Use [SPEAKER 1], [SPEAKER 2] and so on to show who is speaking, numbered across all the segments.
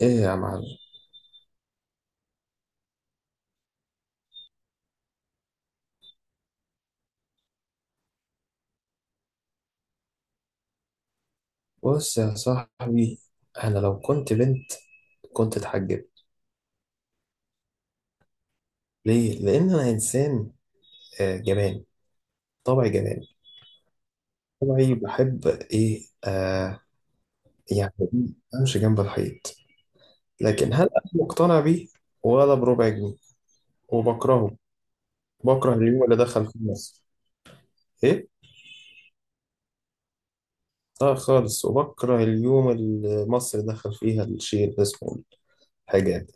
[SPEAKER 1] ايه يا معلم؟ بص يا صاحبي، انا لو كنت بنت كنت اتحجبت. ليه؟ لان انا انسان جبان، طبعي جبان، طبعي بحب ايه يعني، امشي جنب الحيط. لكن هل انا مقتنع بيه؟ ولا بربع جنيه، وبكرهه، بكره اليوم اللي دخل فيه مصر. ايه؟ لا خالص، وبكره اليوم اللي مصر دخل فيها الشيء اللي اسمه الحجاب.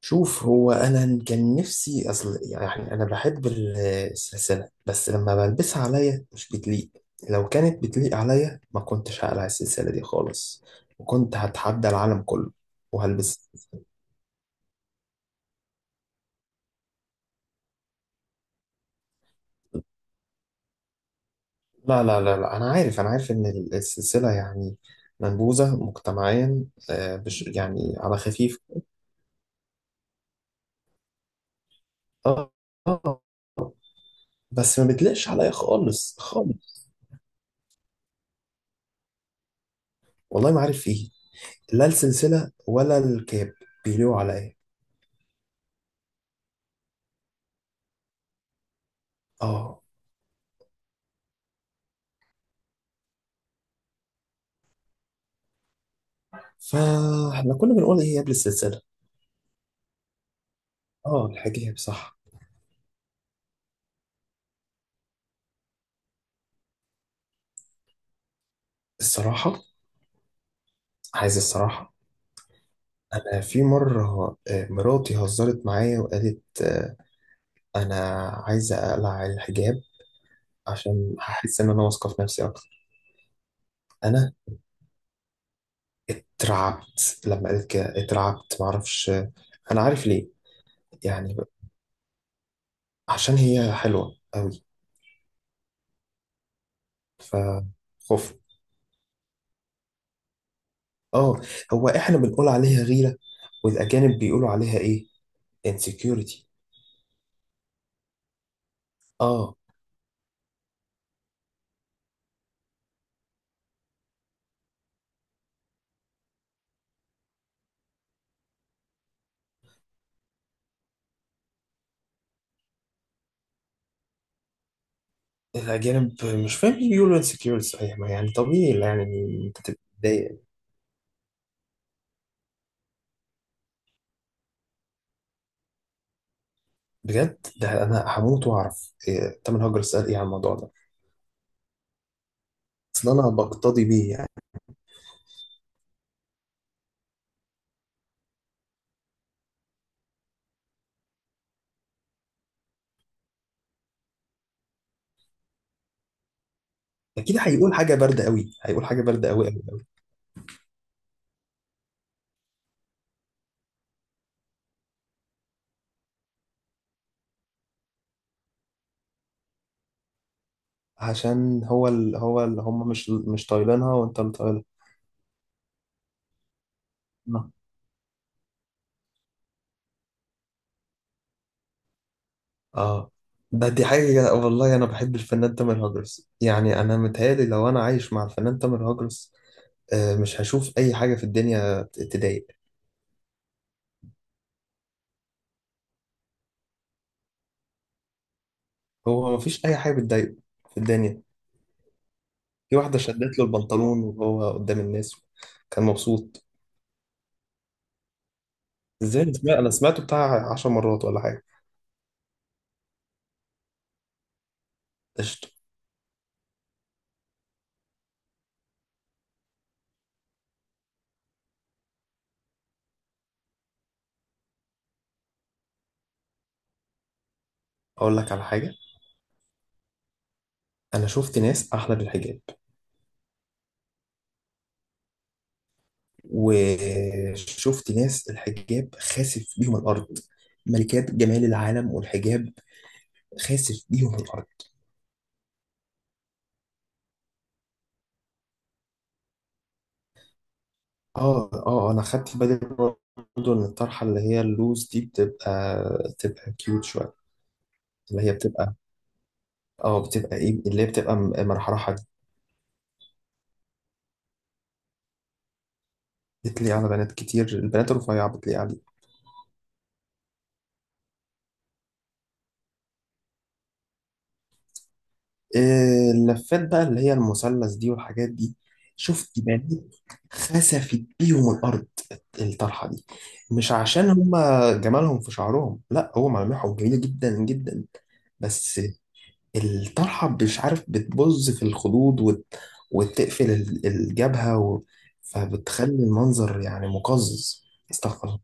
[SPEAKER 1] شوف، هو انا كان نفسي، اصل يعني انا بحب السلسله، بس لما بلبسها عليا مش بتليق. لو كانت بتليق عليا ما كنتش هقلع السلسله دي خالص، وكنت هتحدى العالم كله وهلبس. لا، انا عارف، انا عارف ان السلسله يعني منبوذه مجتمعيا. يعني على خفيف. اه، آه، بس ما بتليقش عليا خالص خالص. والله ما عارف فيه، لا السلسله ولا الكاب بيليقوا عليا. اه. فاحنا كنا بنقول ايه قبل السلسلة؟ اه، الحاجة هي بصح. الصراحة؟ عايز الصراحة؟ انا في مرة، مراتي هزرت معايا وقالت، انا عايزة اقلع الحجاب، عشان هحس ان انا واثقة في نفسي اكتر. انا اترعبت لما قالت كده، اترعبت، معرفش، انا عارف ليه. يعني عشان هي حلوة قوي، فخفت. اه، هو احنا بنقول عليها غيرة، والاجانب بيقولوا عليها ايه؟ insecurity. اه. الأجانب مش فاهم، ايه يقولوا انسكيور؟ صحيح، ما يعني طبيعي يعني. أنت تتضايق. بجد، ده أنا هموت وأعرف إيه تامر هجر سأل إيه عن الموضوع ده. أصل أنا بقتضي بيه يعني. أكيد هيقول حاجة باردة قوي، هيقول حاجة باردة قوي قوي قوي. عشان هو ال... هو اللي هم مش طايلينها، وأنت اللي طايلها. آه. ده دي حاجة، والله أنا بحب الفنان تامر هجرس يعني. أنا متهيألي لو أنا عايش مع الفنان تامر هجرس، مش هشوف أي حاجة في الدنيا تضايق. هو مفيش أي حاجة بتضايقه في الدنيا. في واحدة شدت له البنطلون وهو قدام الناس، كان مبسوط. ازاي؟ انا سمعت، انا سمعته بتاع عشر مرات ولا حاجة. قشطة. اقول لك على حاجة: انا شفت ناس احلى بالحجاب، وشفت ناس الحجاب خاسف بيهم الارض. ملكات جمال العالم والحجاب خاسف بيهم الارض. اه اه، انا خدت بالي برضه ان الطرحة اللي هي اللوز دي بتبقى، بتبقى كيوت شوية. اللي هي بتبقى، اه بتبقى ايه، اللي هي بتبقى مرحرحة دي. بتليق على بنات كتير، البنات الرفيعة بتليق عليها. اللفات بقى اللي هي المثلث دي والحاجات دي. شفت بنات خسفت بيهم الأرض الطرحة دي. مش عشان هما جمالهم في شعرهم، لا، هو ملامحهم جميلة جدا جدا. بس الطرحة مش عارف بتبظ في الخدود وت... وتقفل الجبهة و... فبتخلي المنظر يعني مقزز. استغفر الله.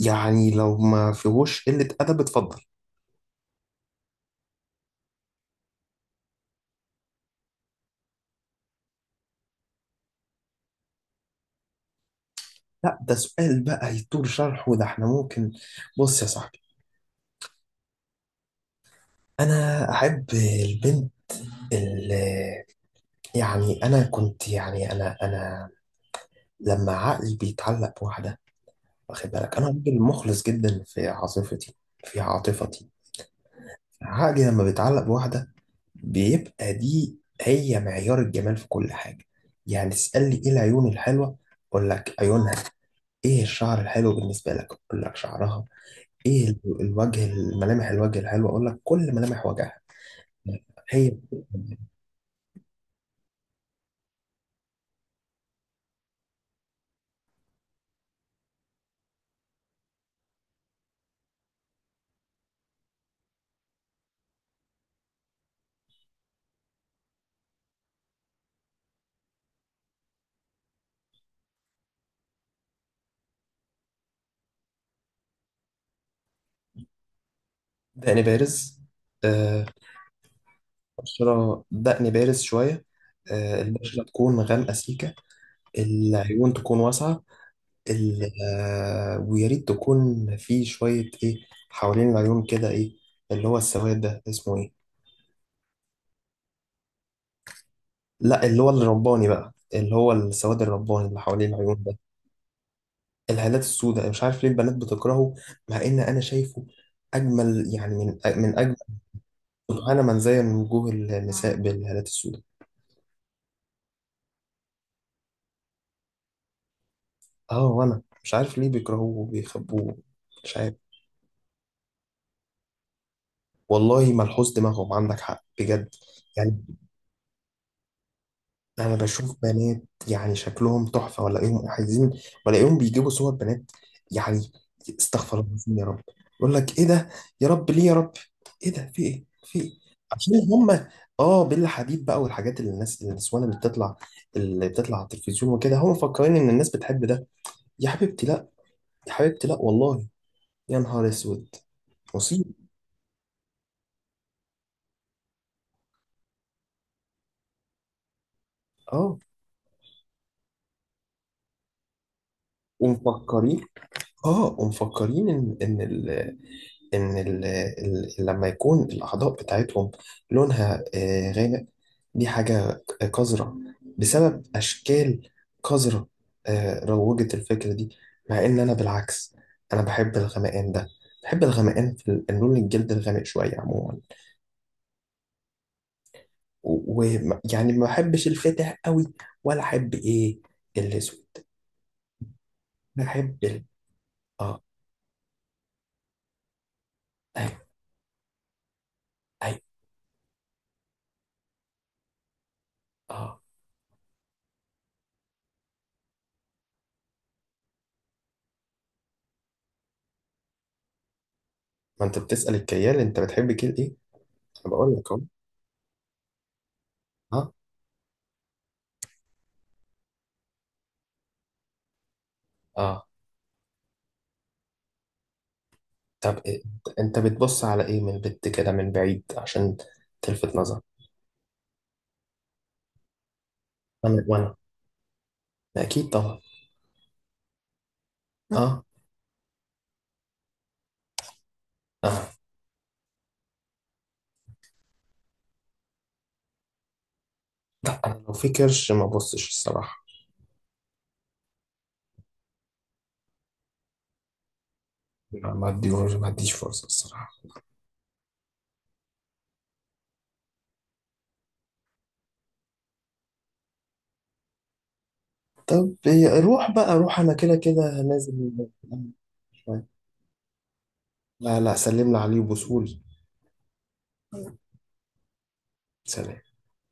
[SPEAKER 1] يعني لو ما فيهوش قلة أدب اتفضل. لا، ده سؤال بقى يطول شرحه، ده احنا ممكن. بص يا صاحبي، انا احب البنت اللي يعني، انا كنت يعني انا انا لما عقلي بيتعلق بواحده، واخد بالك انا راجل مخلص جدا في عاطفتي، في عاطفتي، عقلي لما بيتعلق بواحده بيبقى دي هي معيار الجمال في كل حاجه. يعني تسالني ايه العيون الحلوه، اقول لك عيونها. ايه الشعر الحلو بالنسبه لك، اقول لك شعرها. ايه الوجه، الملامح الوجه الحلوه، اقول لك كل ملامح وجهها هي. دقن بارز. آه، بشرة، دقن بارز شوية. البشرة تكون غامقة سيكة. العيون تكون واسعة. ويا ريت تكون في شوية إيه حوالين العيون كده، إيه اللي هو السواد ده اسمه إيه؟ لا، اللي هو الرباني بقى، اللي هو السواد الرباني اللي حوالين العيون ده. الهالات السوداء مش عارف ليه البنات بتكرهه، مع إن أنا شايفه أجمل، يعني من أجمل. سبحان من زين وجوه النساء بالهالات السوداء. اه، وانا مش عارف ليه بيكرهوه وبيخبوه، مش عارف. والله ملحوظ دماغهم، عندك حق بجد. يعني انا بشوف بنات يعني شكلهم تحفه، ولاقيهم عايزين، ولاقيهم بيجيبوا صور بنات يعني. استغفر الله العظيم يا رب. يقول لك ايه ده، يا رب ليه، يا رب ايه ده، في ايه، في ايه. عشان هم، اه بيلا حديد بقى، والحاجات اللي الناس النسوان اللي بتطلع، اللي بتطلع على التلفزيون وكده، هم مفكرين ان الناس بتحب ده. يا حبيبتي لا، يا حبيبتي لا والله. يا نهار اسود، مصيبه. اه، ومفكرين، اه ومفكرين ان ان ال لما يكون الاعضاء بتاعتهم لونها غامق، دي حاجه قذره، بسبب اشكال قذره روجت الفكره دي. مع ان انا بالعكس، انا بحب الغمقان ده، بحب الغمقان في لون الجلد الغامق شويه عموما. ويعني ما بحبش الفاتح قوي، ولا احب ايه، الاسود. بحب ال... اه. ايوه ايوه. اه. ما انت بتسأل الكيال، انت بتحب كيل ايه؟ انا بقول لك اهو. اه. اه. طب إيه؟ انت بتبص على ايه من البت كده من بعيد عشان تلفت نظر؟ انا وانا، ما اكيد طبعا. اه. اه. انا لو في كرش ما ببصش الصراحة. ما اديش فرصة الصراحة. طب إيه، روح بقى روح، انا كده كده نازل شوية. لا لا، سلم لي عليه وبوسهولي. سلام.